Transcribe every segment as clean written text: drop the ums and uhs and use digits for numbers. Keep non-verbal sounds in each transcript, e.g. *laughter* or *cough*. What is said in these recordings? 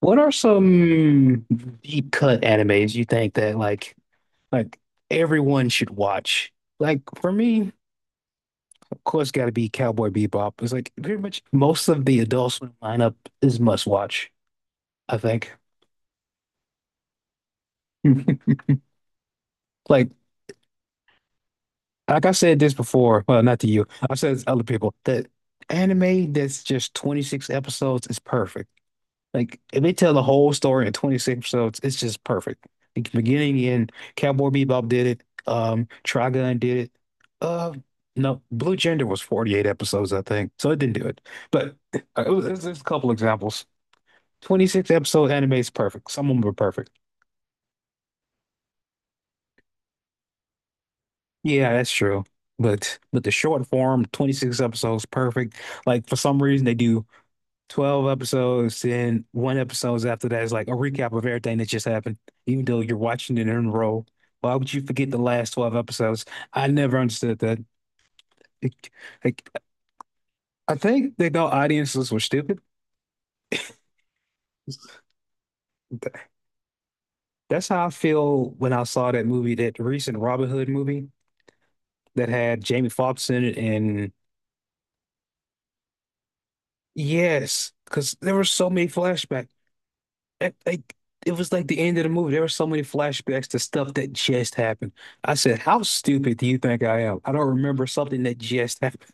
What are some deep cut animes you think that like everyone should watch? Like for me, of course, got to be Cowboy Bebop. It's like pretty much most of the Adult Swim lineup is must watch, I think. *laughs* Like like I said this before, well, not to you. I've said this to other people that anime that's just 26 episodes is perfect. Like if they tell the whole story in 26 episodes, it's just perfect. The beginning and Cowboy Bebop did it. Trigun did it. Uh, no, Blue Gender was 48 episodes, I think, so it didn't do it. But it's just a couple examples. 26 episode anime is perfect. Some of them were perfect. Yeah, that's true. But the short form, 26 episodes, perfect. Like for some reason they do. 12 episodes and one episodes after that is like a recap of everything that just happened, even though you're watching it in a row. Why would you forget the last 12 episodes? I never understood that. It- like, I think they thought audiences were stupid. That's how I feel when I saw that movie, that recent Robin Hood movie that had Jamie Foxx in it. And yes, because there were so many flashbacks. It, like it was like the end of the movie. There were so many flashbacks to stuff that just happened. I said, "How stupid do you think I am? I don't remember something that just happened."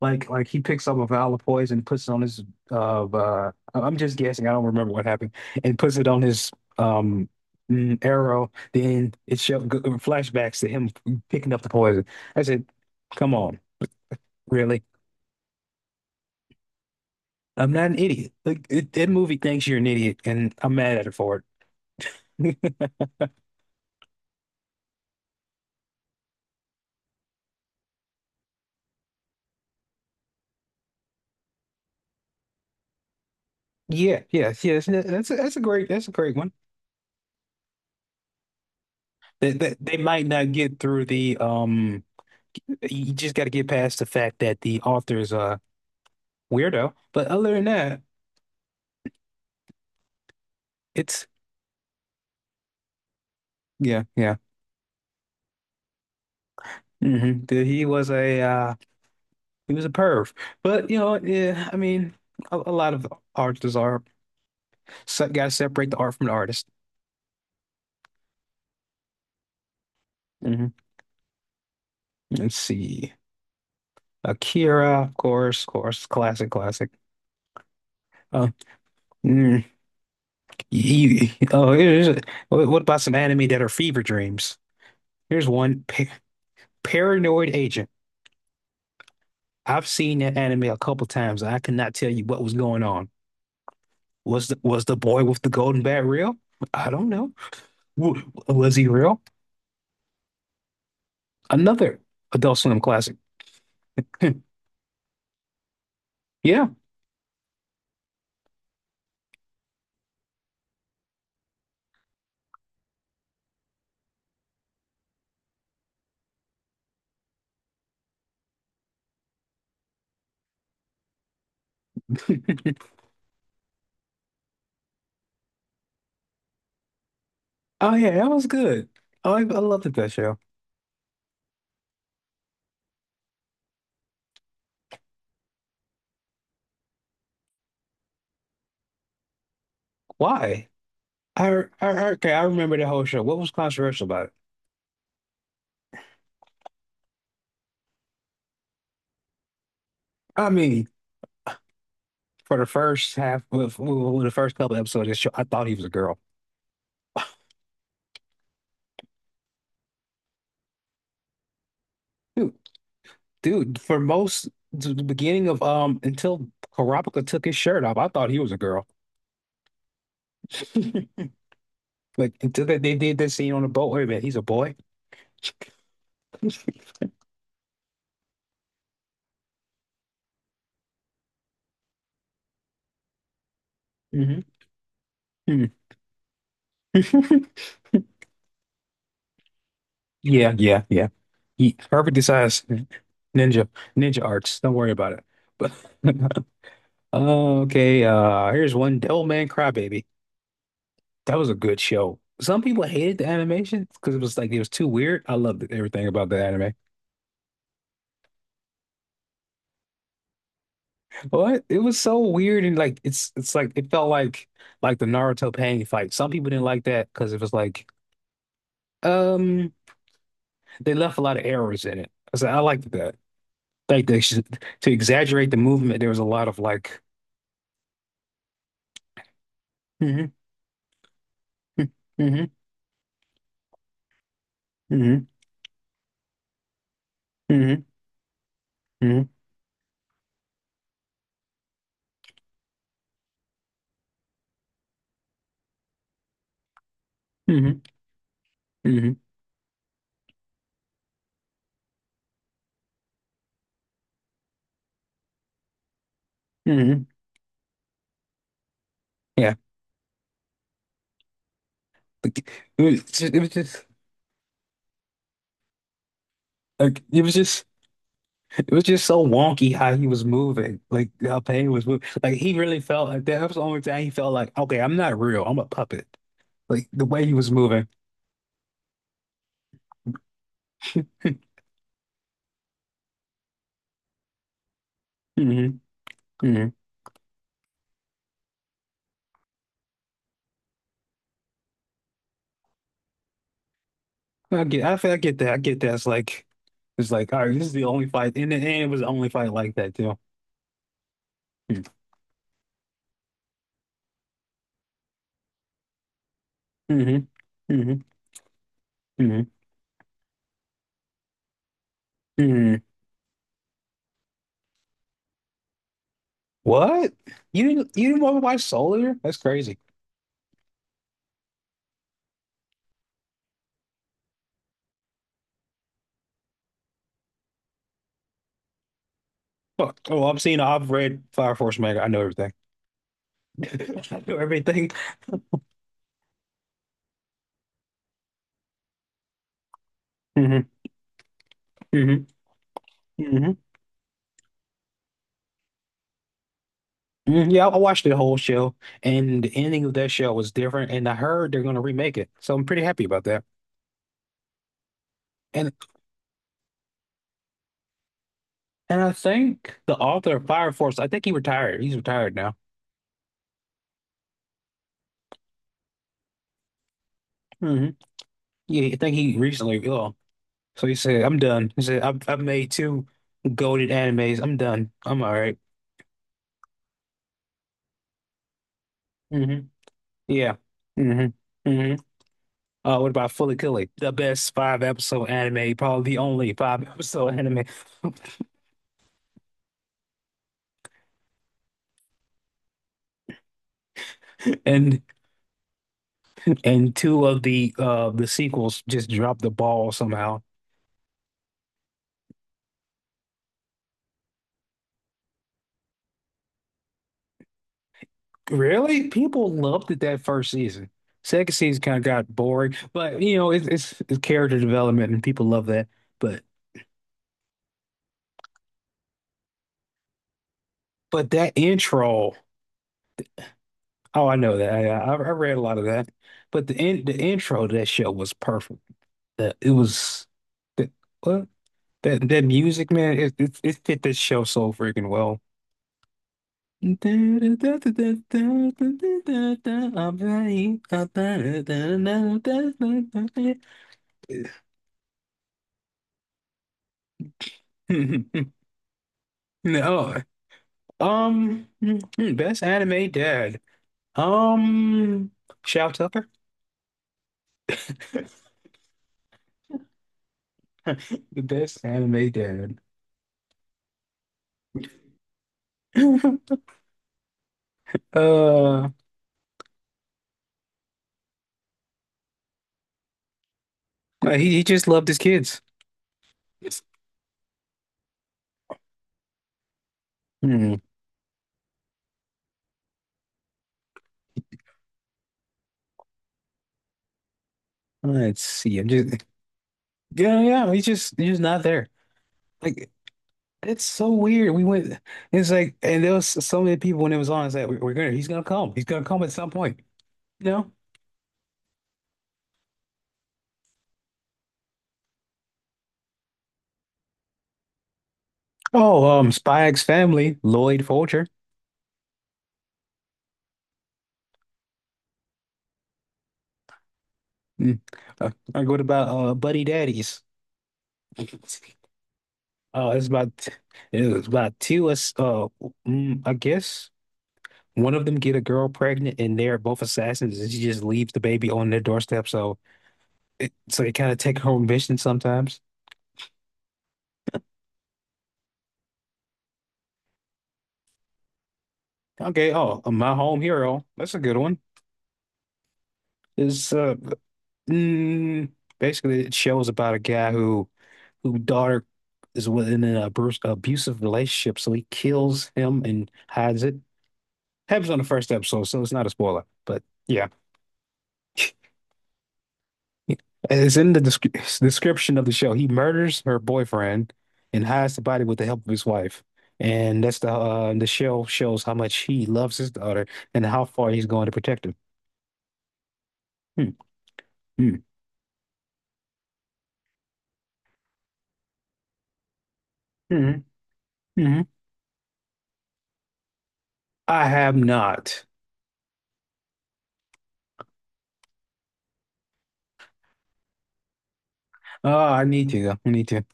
Like he picks up a vial of poison, puts it on his I'm just guessing. I don't remember what happened, and puts it on his um arrow. Then flashbacks to him picking up the poison. I said, "Come on, really? I'm not an idiot. Like that movie thinks you're an idiot, and I'm mad at it for it." *laughs* Yeah, yes, yes. That's that's a great one. They might not get through the. You just got to get past the fact that the author's a weirdo. But other than that, it's yeah, yeah. hmm He was a uh, he was a perv. But you know, yeah. A lot of artists are so, got to separate the art from the artist. hmm Let's see, Akira, of course, classic, classic. Uh, mm-hmm. Oh, here's what about some anime that are fever dreams? Here's one, pa Paranoid Agent. I've seen that anime a couple times. I cannot tell you what was going on. Was the boy with the golden bat real? I don't know. W Was he real? Another Adult Swim classic. *laughs* Yeah. *laughs* Oh yeah, that was good. Oh, I loved that show. Why? I okay, I remember the whole show. What was controversial about it? I mean, for the first half, the first couple episodes of the show, I thought he was a girl. Dude, dude, for most the beginning of until Karapika took his shirt off, I thought he was a girl. *laughs* Like until they did that scene on the boat. Wait a minute, he's a boy. *laughs* Mhm. *laughs* Yeah, yeah, yeah. He perfect decides ninja ninja arts. Don't worry about it. But *laughs* okay, here's one Devil Man Crybaby. That was a good show. Some people hated the animation because it was too weird. I loved everything about the anime. What? It was so weird and like it's like it felt like the Naruto Pain fight. Some people didn't like that because it was like um they left a lot of errors in it. So I liked that. Like they should to exaggerate the movement. There was a lot of like hmm hmm hmm hmm hmm hmm hmm hmm yeah. Like, it was just, it was just like it was just it was just so wonky how he was moving. Like how Pain was moving. Like he really felt like that. That was the only time he felt like okay, I'm not real. I'm a puppet. Like the way he was moving. *laughs* hmm hmm I get that. I get that. It's like, all right, this is the only fight, and it was the only fight like that too. Mm-hmm. hmm hmm hmm What? You didn't want to watch Soldier? That's crazy. Fuck. Oh, I've read Fire Force manga. I know everything. *laughs* I know everything. hmm hmm hmm Yeah, I watched the whole show, and the ending of that show was different. And I heard they're gonna remake it, so I'm pretty happy about that. And And I think the author of Fire Force, I think he retired. He's retired now. hmm Yeah, I think he recently. Oh, so he said, "I'm done." He said, I've made two goated animes. I'm done. I'm all right." Mm-hmm. Yeah. hmm hmm what about Follicular? The best five episode anime, probably the only five episode anime, *laughs* and and two of the sequels just dropped the ball somehow. Really? People loved it that first season. Second season kind of got boring, but you know, it's character development and people love that. But but that intro, oh, I know that. I read a lot of that. But the intro to that show was perfect. It was the what that music, man, it fit this show so freaking well. I'm ready. *laughs* No, best anime dad. Um, Shao Tucker. *laughs* The best anime dad. *laughs* Uh, he just loved his kids. Hmm. Let's see. I'm just yeah, yeah. He's just not there. Like it's so weird. We went. It's like and there was so many people when it was on. It's like we're gonna he's gonna come. He's gonna come at some point. You know? Oh, Spy X Family, Lloyd Folger. Mm. What about Buddy Daddies? Uh, it's about it's about two us uh I guess one of them get a girl pregnant and they're both assassins and she just leaves the baby on their doorstep so it so they kind of take home mission sometimes. Okay, oh My Home Hero. That's a good one. It's mm, basically it shows about a guy who daughter is within an abusive relationship so he kills him and hides it. Happens on the first episode so it's not a spoiler, but yeah. *laughs* It's in the descri description of the show. He murders her boyfriend and hides the body with the help of his wife. And that's the show shows how much he loves his daughter and how far he's going to protect her. Hmm, hmm, hmm, hmm. I have not. Oh, I need to. I need to.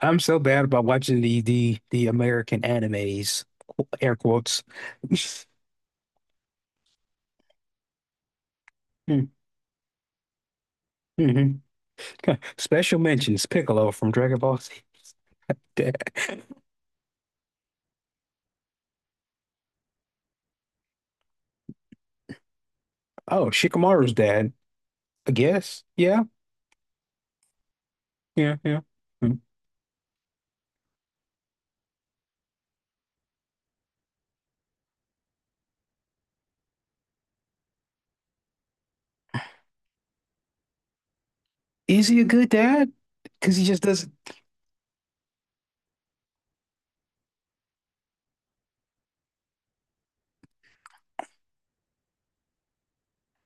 I'm so bad about watching the American animes, air quotes. *laughs* Hmm, hmm. *laughs* Special mentions Piccolo from Dragon Ball Z. *laughs* Dad. Oh, Shikamaru's dad. I guess. Yeah. Yeah. Yeah. Mm. Is he a good dad? Because he just doesn't.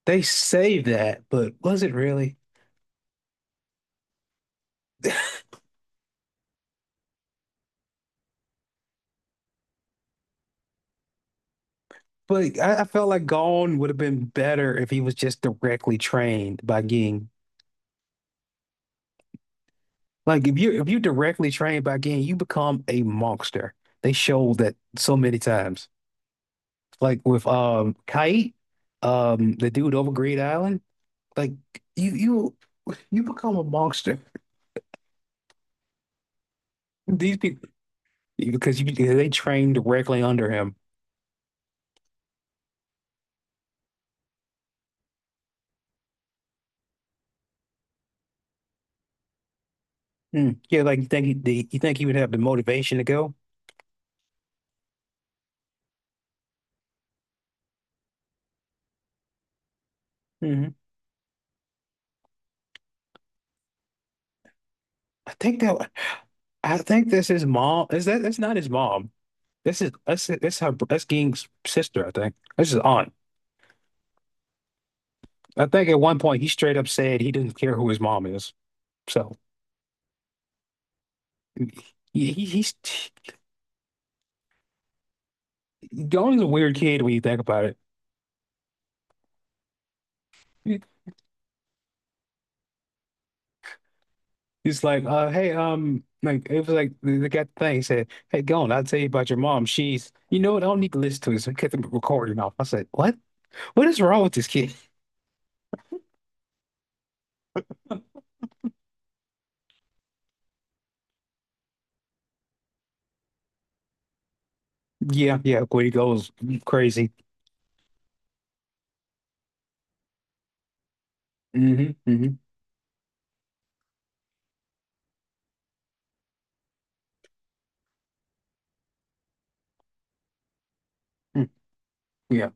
They say that, but was it really? But I felt like Gone would have been better if he was just directly trained by Ging. Like if you directly trained by Ging, you become a monster. They showed that so many times. Like with Kite, the dude over Great Island. Like you you you become a monster. *laughs* These people because you they train directly under him. Mm. Yeah, like you think you think he would have the motivation to go? hmm I think that I think this is mom. Is that's not his mom? This is that's her that's Ging's sister. I think this is aunt. I think at one point he straight up said he didn't care who his mom is. So he's Gong's a weird kid when you think about it. He's like, hey, like it was like they got the thing. He said, hey, Gong, I'll tell you about your mom. She's, you know what? I don't need to listen to this. I kept the recording off. I said, what? What is wrong with this kid? Yeah, yeah, Quiddy goes crazy. hmm hmm Yeah.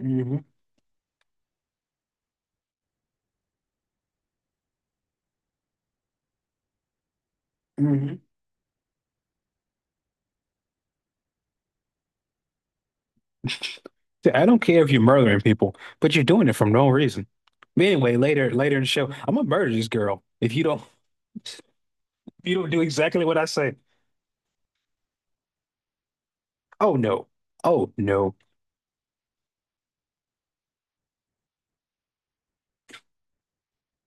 hmm hmm I don't care if you're murdering people, but you're doing it for no reason. But anyway, later in the show, I'm gonna murder this girl if you don't, *laughs* if you don't do exactly what I say. Oh no. Oh no.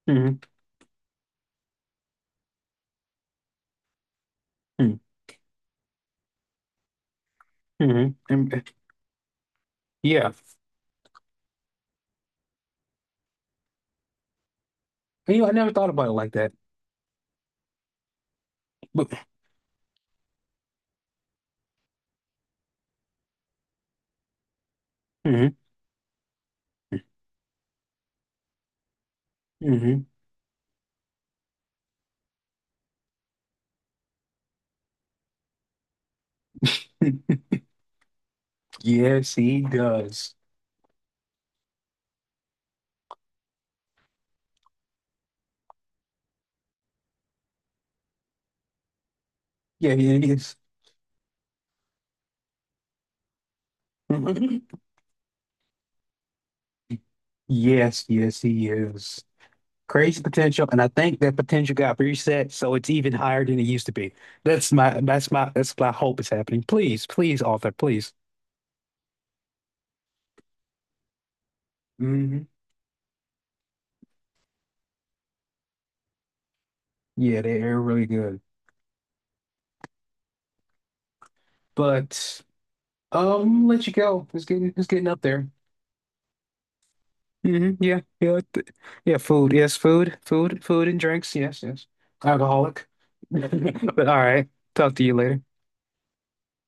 hmm hmm And, yeah. You know, I never thought about it like that. But hmm hmm *laughs* Yes, he does. Yeah, he is. *laughs* Yes, yes, he is. Crazy potential, and I think that potential got reset, so it's even higher than it used to be. That's my that's my that's my hope is happening. Please, please, author, please. hmm Yeah, they're really good. But let you go. It's getting up there. Yeah, yeah, yeah. Food, yes, food, food, food and drinks. Yes, yes. Alcoholic. *laughs* But all right. Talk to you later.